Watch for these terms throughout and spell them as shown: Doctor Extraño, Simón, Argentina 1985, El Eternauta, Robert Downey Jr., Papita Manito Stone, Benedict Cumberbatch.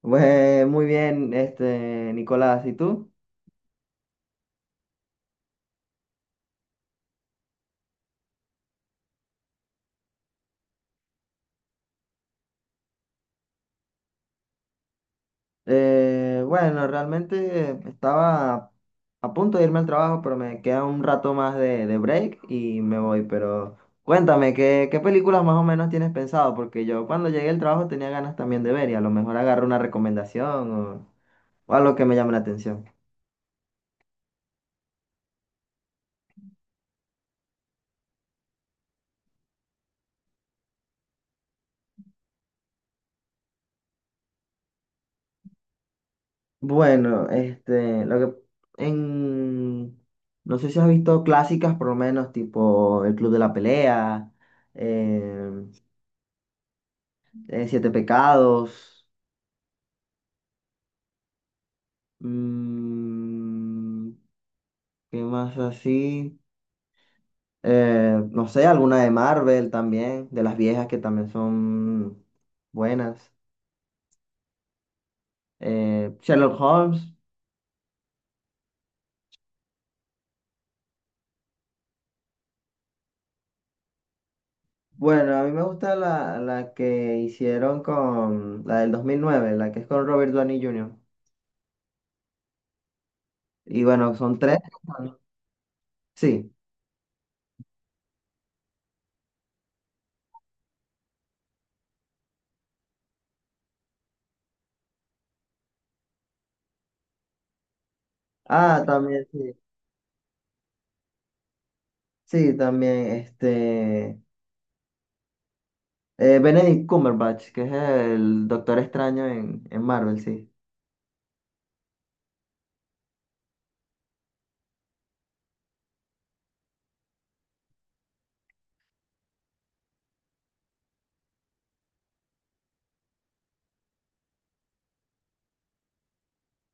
Pues muy bien, Nicolás, ¿y tú? Bueno, realmente estaba a punto de irme al trabajo, pero me queda un rato más de break y me voy. Pero cuéntame, ¿qué películas más o menos tienes pensado? Porque yo cuando llegué al trabajo tenía ganas también de ver y a lo mejor agarro una recomendación o algo que me llame la atención. Bueno, lo que en no sé si has visto clásicas, por lo menos, tipo El Club de la Pelea. Siete Pecados. mm, ¿Qué más así? No sé, alguna de Marvel también, de las viejas que también son buenas. Sherlock Holmes. Bueno, a mí me gusta la que hicieron con la del 2009, la que es con Robert Downey Jr. Y bueno, son tres. Sí. Ah, también, sí. Sí, también, Benedict Cumberbatch, que es el Doctor Extraño en Marvel, sí.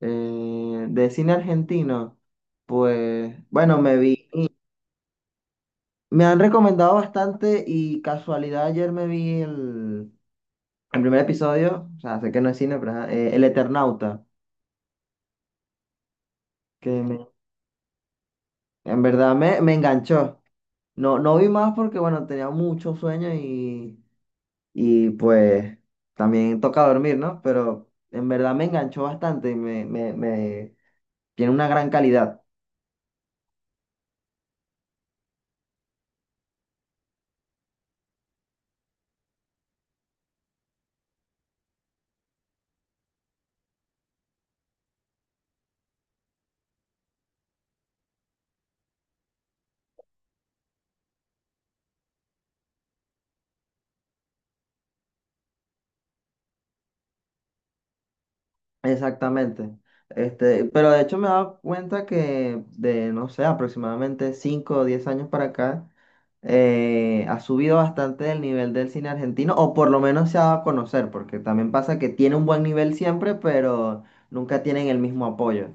De cine argentino, pues bueno, me han recomendado bastante y casualidad ayer me vi el primer episodio, o sea, sé que no es cine, pero ajá, El Eternauta, que me- en verdad me enganchó. No, no vi más porque bueno, tenía mucho sueño y pues también toca dormir, ¿no? Pero en verdad me enganchó bastante y me tiene una gran calidad. Exactamente. Este, pero de hecho me he dado cuenta que de, no sé, aproximadamente 5 o 10 años para acá, ha subido bastante el nivel del cine argentino, o por lo menos se ha dado a conocer, porque también pasa que tiene un buen nivel siempre, pero nunca tienen el mismo apoyo.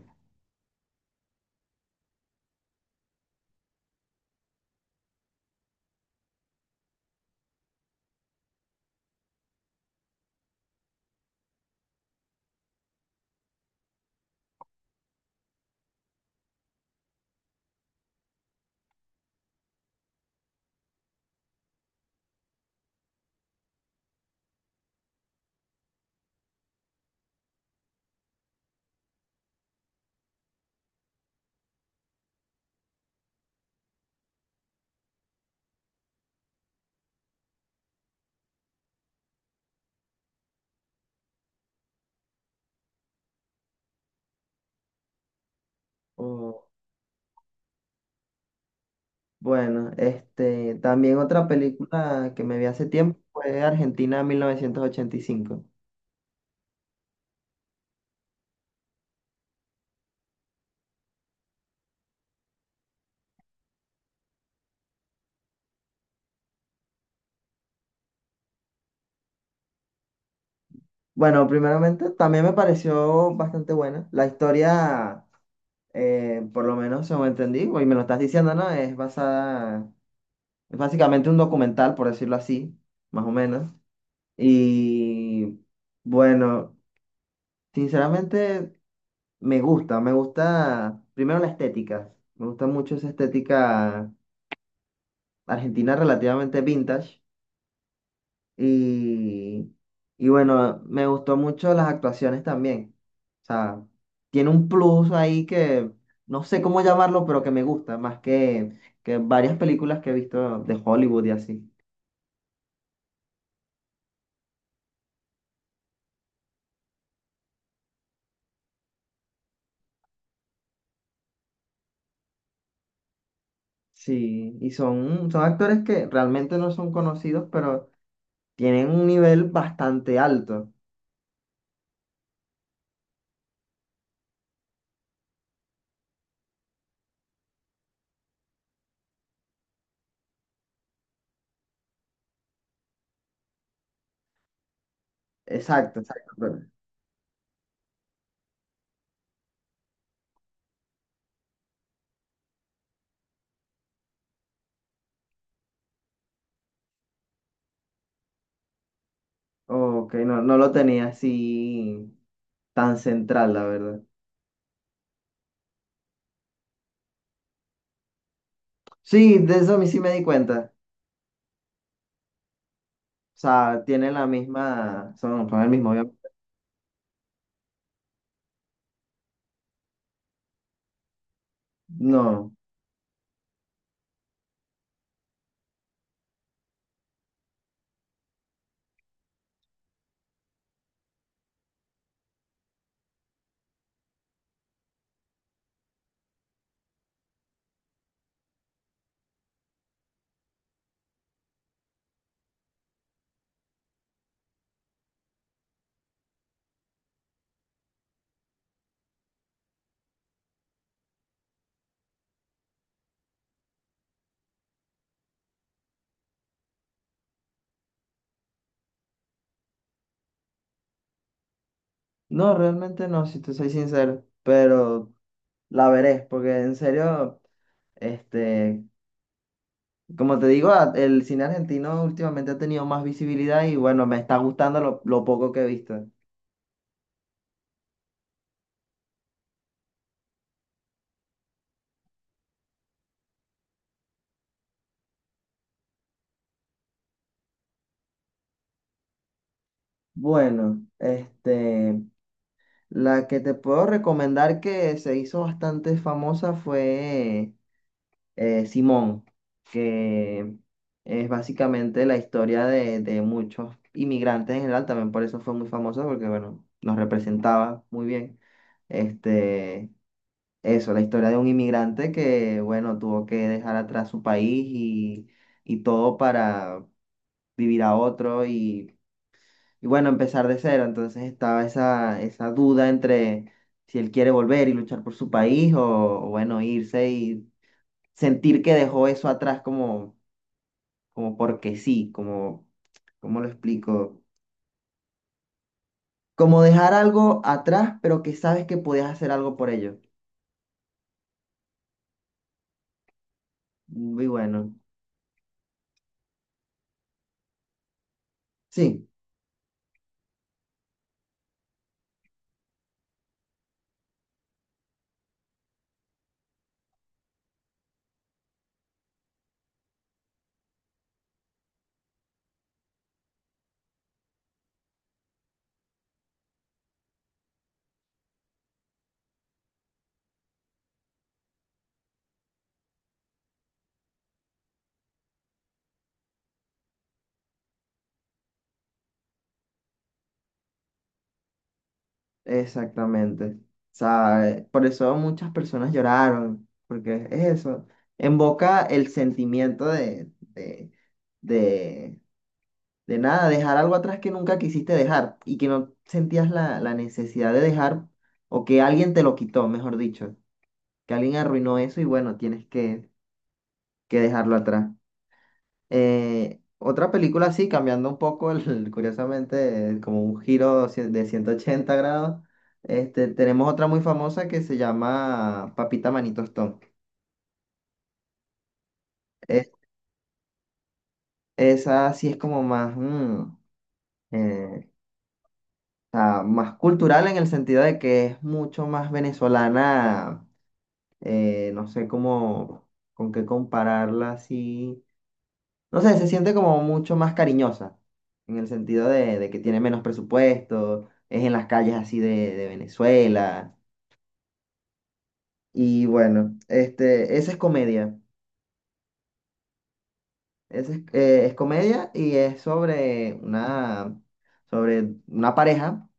O, bueno, también otra película que me vi hace tiempo fue Argentina 1985. Bueno, primeramente también me pareció bastante buena. La historia por lo menos según entendí, y me lo estás diciendo, ¿no? Es básicamente un documental, por decirlo así, más o menos. Y bueno, sinceramente me gusta primero la estética, me gusta mucho esa estética argentina relativamente vintage. Y, y bueno, me gustó mucho las actuaciones también. O sea, tiene un plus ahí que no sé cómo llamarlo, pero que me gusta, más que varias películas que he visto de Hollywood y así. Sí, y son actores que realmente no son conocidos, pero tienen un nivel bastante alto. Exacto, exacto, ok, no lo tenía así tan central, la verdad. Sí, de eso a mí sí me di cuenta. O sea, tienen la misma, son el mismo avión. No, no, realmente no, si te soy sincero, pero la veré, porque en serio, este, como te digo, el cine argentino últimamente ha tenido más visibilidad y bueno, me está gustando lo poco que he visto. Bueno, la que te puedo recomendar que se hizo bastante famosa fue Simón, que es básicamente la historia de muchos inmigrantes en general, también por eso fue muy famosa porque bueno, nos representaba muy bien. Este, Eso, la historia de un inmigrante que, bueno, tuvo que dejar atrás su país y todo para vivir a otro y bueno, empezar de cero. Entonces estaba esa duda entre si él quiere volver y luchar por su país o bueno, irse y sentir que dejó eso atrás como como porque sí, como, ¿cómo lo explico? Como dejar algo atrás, pero que sabes que podías hacer algo por ello. Muy bueno. Sí, exactamente. O ¿Sabes? Por eso muchas personas lloraron, porque es eso. Invoca el sentimiento de, de nada, dejar algo atrás que nunca quisiste dejar y que no sentías la necesidad de dejar o que alguien te lo quitó, mejor dicho, que alguien arruinó eso y bueno, que dejarlo atrás. Otra película así, cambiando un poco, curiosamente, como un giro de 180 grados, tenemos otra muy famosa que se llama Papita Manito Stone. Es- Esa sí es como más, eh, más cultural en el sentido de que es mucho más venezolana, no sé cómo, con qué compararla así no sé, se siente como mucho más cariñosa, en el sentido de que tiene menos presupuesto, es en las calles así de Venezuela. Y bueno, esa es comedia. Esa es comedia y es sobre sobre una pareja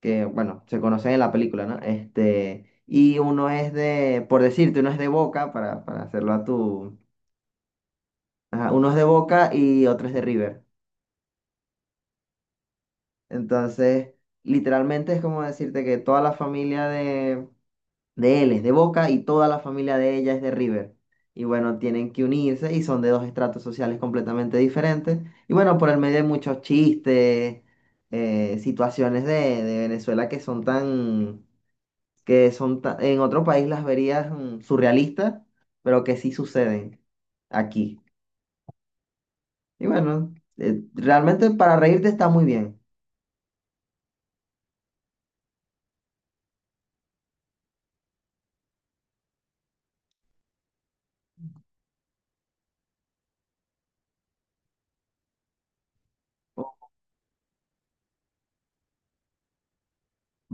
que, bueno, se conocen en la película, ¿no? Y uno es de, por decirte, uno es de Boca, para hacerlo a tu... ajá, uno es de Boca y otro es de River. Entonces, literalmente es como decirte que toda la familia de él es de Boca y toda la familia de ella es de River. Y bueno, tienen que unirse y son de dos estratos sociales completamente diferentes. Y bueno, por el medio hay muchos chistes, situaciones de Venezuela que son tan, en otro país las verías surrealistas, pero que sí suceden aquí. Y bueno, realmente para reírte está muy bien.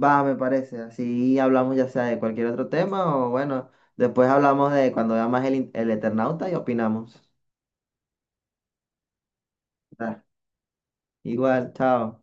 Va, me parece. Así hablamos ya sea de cualquier otro tema o bueno, después hablamos de cuando veamos el Eternauta y opinamos. Ah, igual, chao.